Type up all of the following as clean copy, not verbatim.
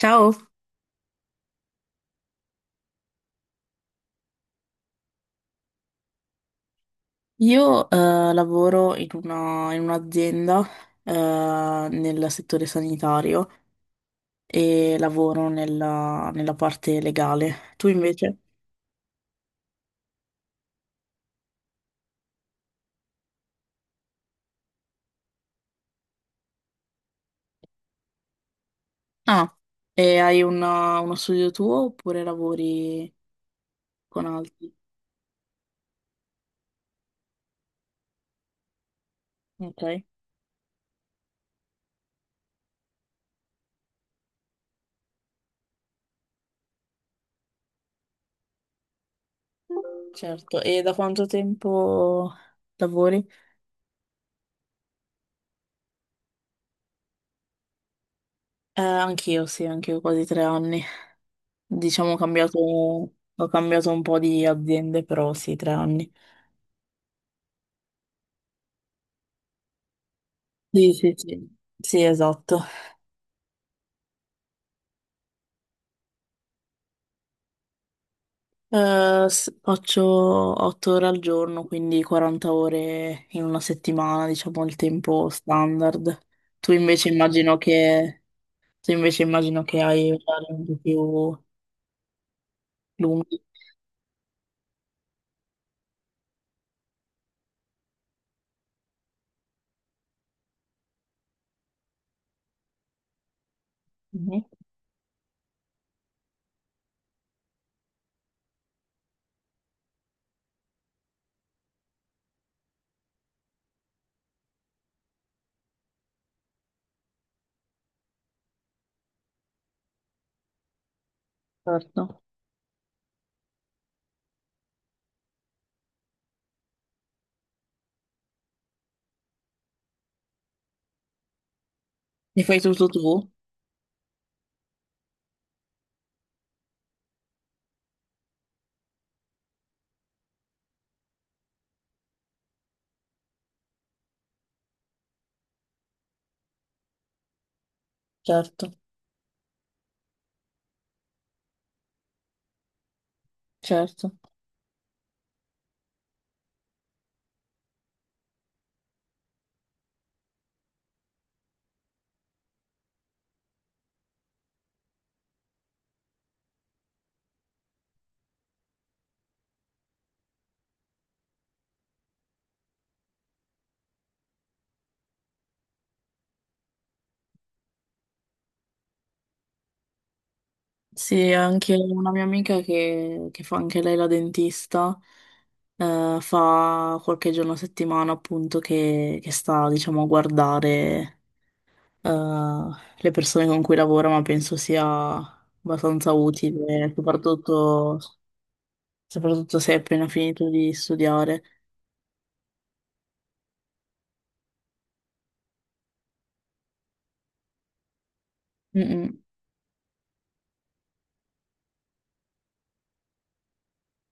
Ciao, io lavoro in un'azienda nel settore sanitario e lavoro nella parte legale. Tu invece? Ah, e hai uno studio tuo oppure lavori con altri? Ok, certo. E da quanto tempo lavori? Anch'io, sì, anch'io quasi 3 anni. Diciamo ho cambiato un po' di aziende, però sì, 3 anni. Sì, sì, sì. Sì, esatto. Faccio 8 ore al giorno, quindi 40 ore in una settimana, diciamo il tempo standard. Tu invece immagino che, tu invece immagino che hai orari un po' più lunghi. Mhm. Certo. E fai tutto tu? Certo, certo. Sì, anche una mia amica che fa anche lei la dentista, fa qualche giorno a settimana appunto che sta, diciamo, a guardare. eh, le persone con cui lavoro, ma penso sia abbastanza utile, soprattutto se hai appena finito di studiare. Mm, mm.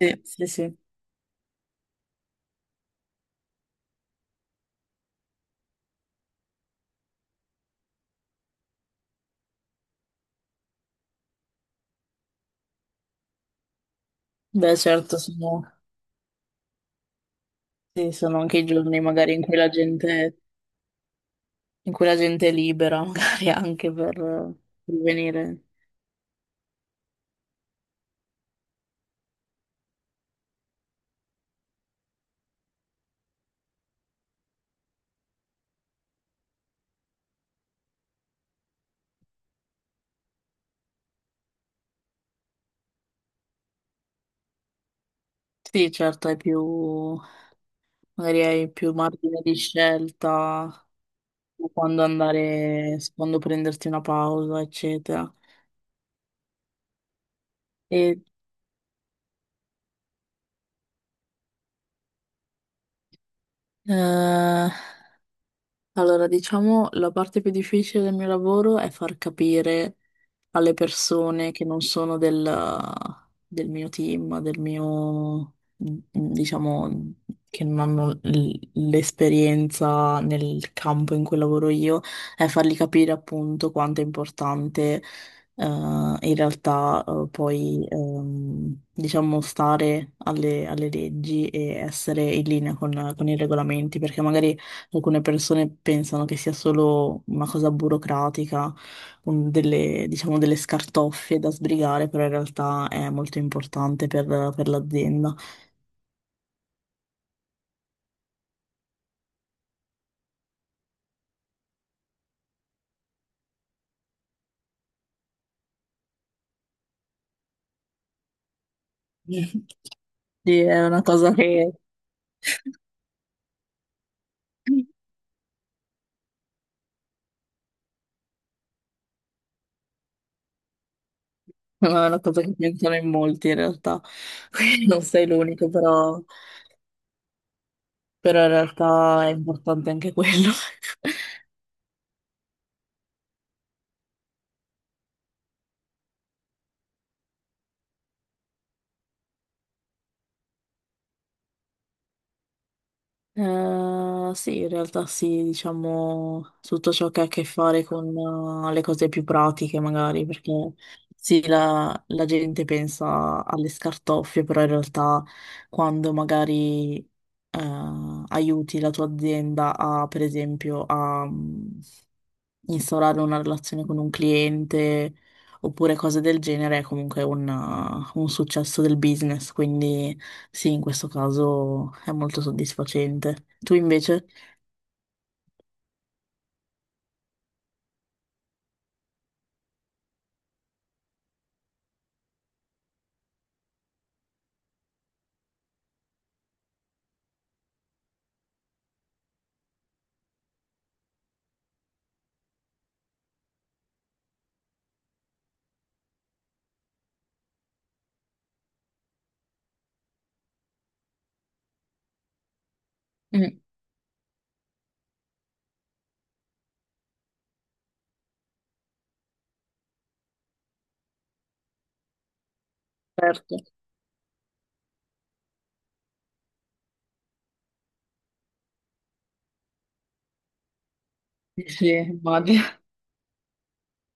Sì, sì, sì. Beh, sì, sono anche i giorni magari in cui la gente è libera, magari anche per venire. Sì, magari hai più margine di scelta su quando andare, su quando prenderti una pausa, eccetera. E, eh, Allora, diciamo, la parte più difficile del mio lavoro è far capire alle persone che non sono del mio team, diciamo, che non hanno l'esperienza nel campo in cui lavoro io, è fargli capire appunto quanto è importante in realtà poi diciamo stare alle leggi e essere in linea con i regolamenti, perché magari alcune persone pensano che sia solo una cosa burocratica diciamo, delle scartoffie da sbrigare, però in realtà è molto importante per l'azienda. Sì, è una cosa che pensano in molti in realtà, quindi non sei l'unico, però, però in realtà è importante anche quello. Sì, in realtà sì, diciamo tutto ciò che ha a che fare con le cose più pratiche magari, perché sì, la gente pensa alle scartoffie, però in realtà quando magari aiuti la tua azienda per esempio, a instaurare una relazione con un cliente oppure cose del genere è comunque un successo del business, quindi sì, in questo caso è molto soddisfacente. Tu invece? Mm, certo, sì, sì, immagino.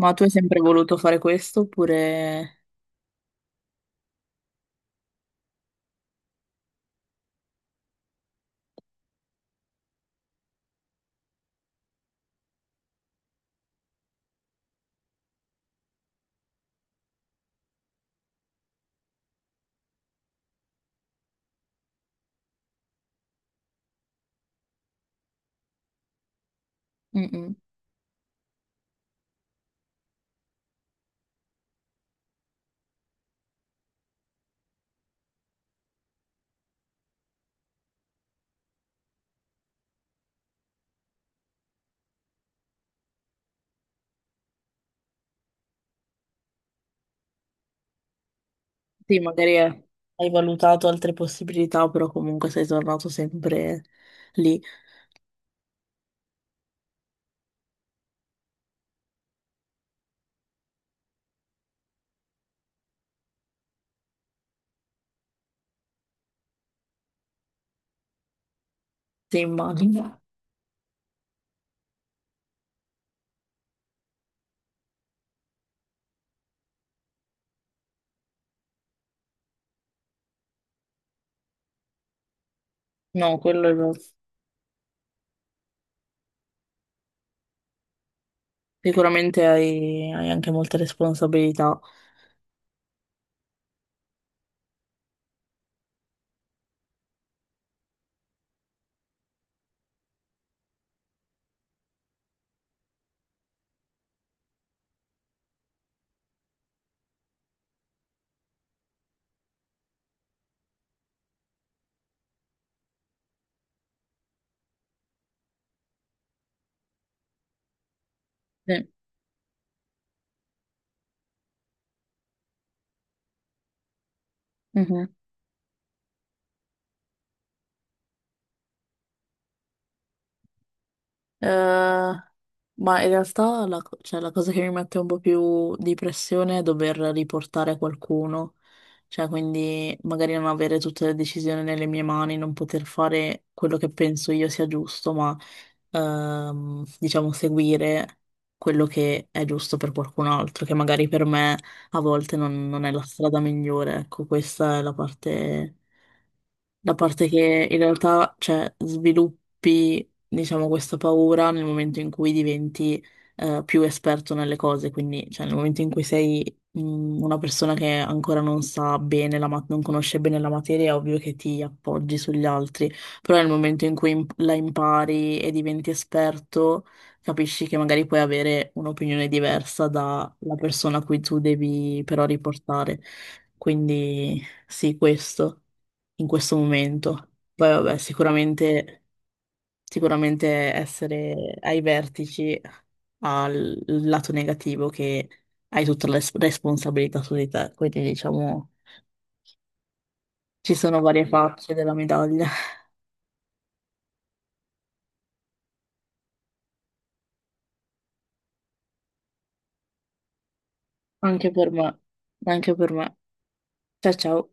Ma tu hai sempre voluto fare questo oppure... Mm, mm. Sì, magari hai valutato altre possibilità, però comunque sei tornato sempre lì. Sì, immagino. No, quello è vero. Sicuramente hai anche molte responsabilità. Sì. Mhm. Eh, ma in realtà cioè, la cosa che mi mette un po' più di pressione è dover riportare qualcuno, cioè quindi magari non avere tutte le decisioni nelle mie mani, non poter fare quello che penso io sia giusto, ma diciamo seguire quello che è giusto per qualcun altro, che magari per me a volte non è la strada migliore, ecco, questa è la parte... Da parte che in realtà, cioè, sviluppi, diciamo, questa paura nel momento in cui diventi più esperto nelle cose, quindi, cioè, nel momento in cui sei una persona che ancora non sa bene non conosce bene la materia, è ovvio che ti appoggi sugli altri, però nel momento in cui la impari e diventi esperto, capisci che magari puoi avere un'opinione diversa dalla persona a cui tu devi però riportare. Quindi sì, questo in questo momento. Poi vabbè, sicuramente, sicuramente essere ai vertici ha il lato negativo che hai tutta la responsabilità su di te, quindi diciamo ci sono varie facce della medaglia. Anche per me, anche per me. Ciao ciao.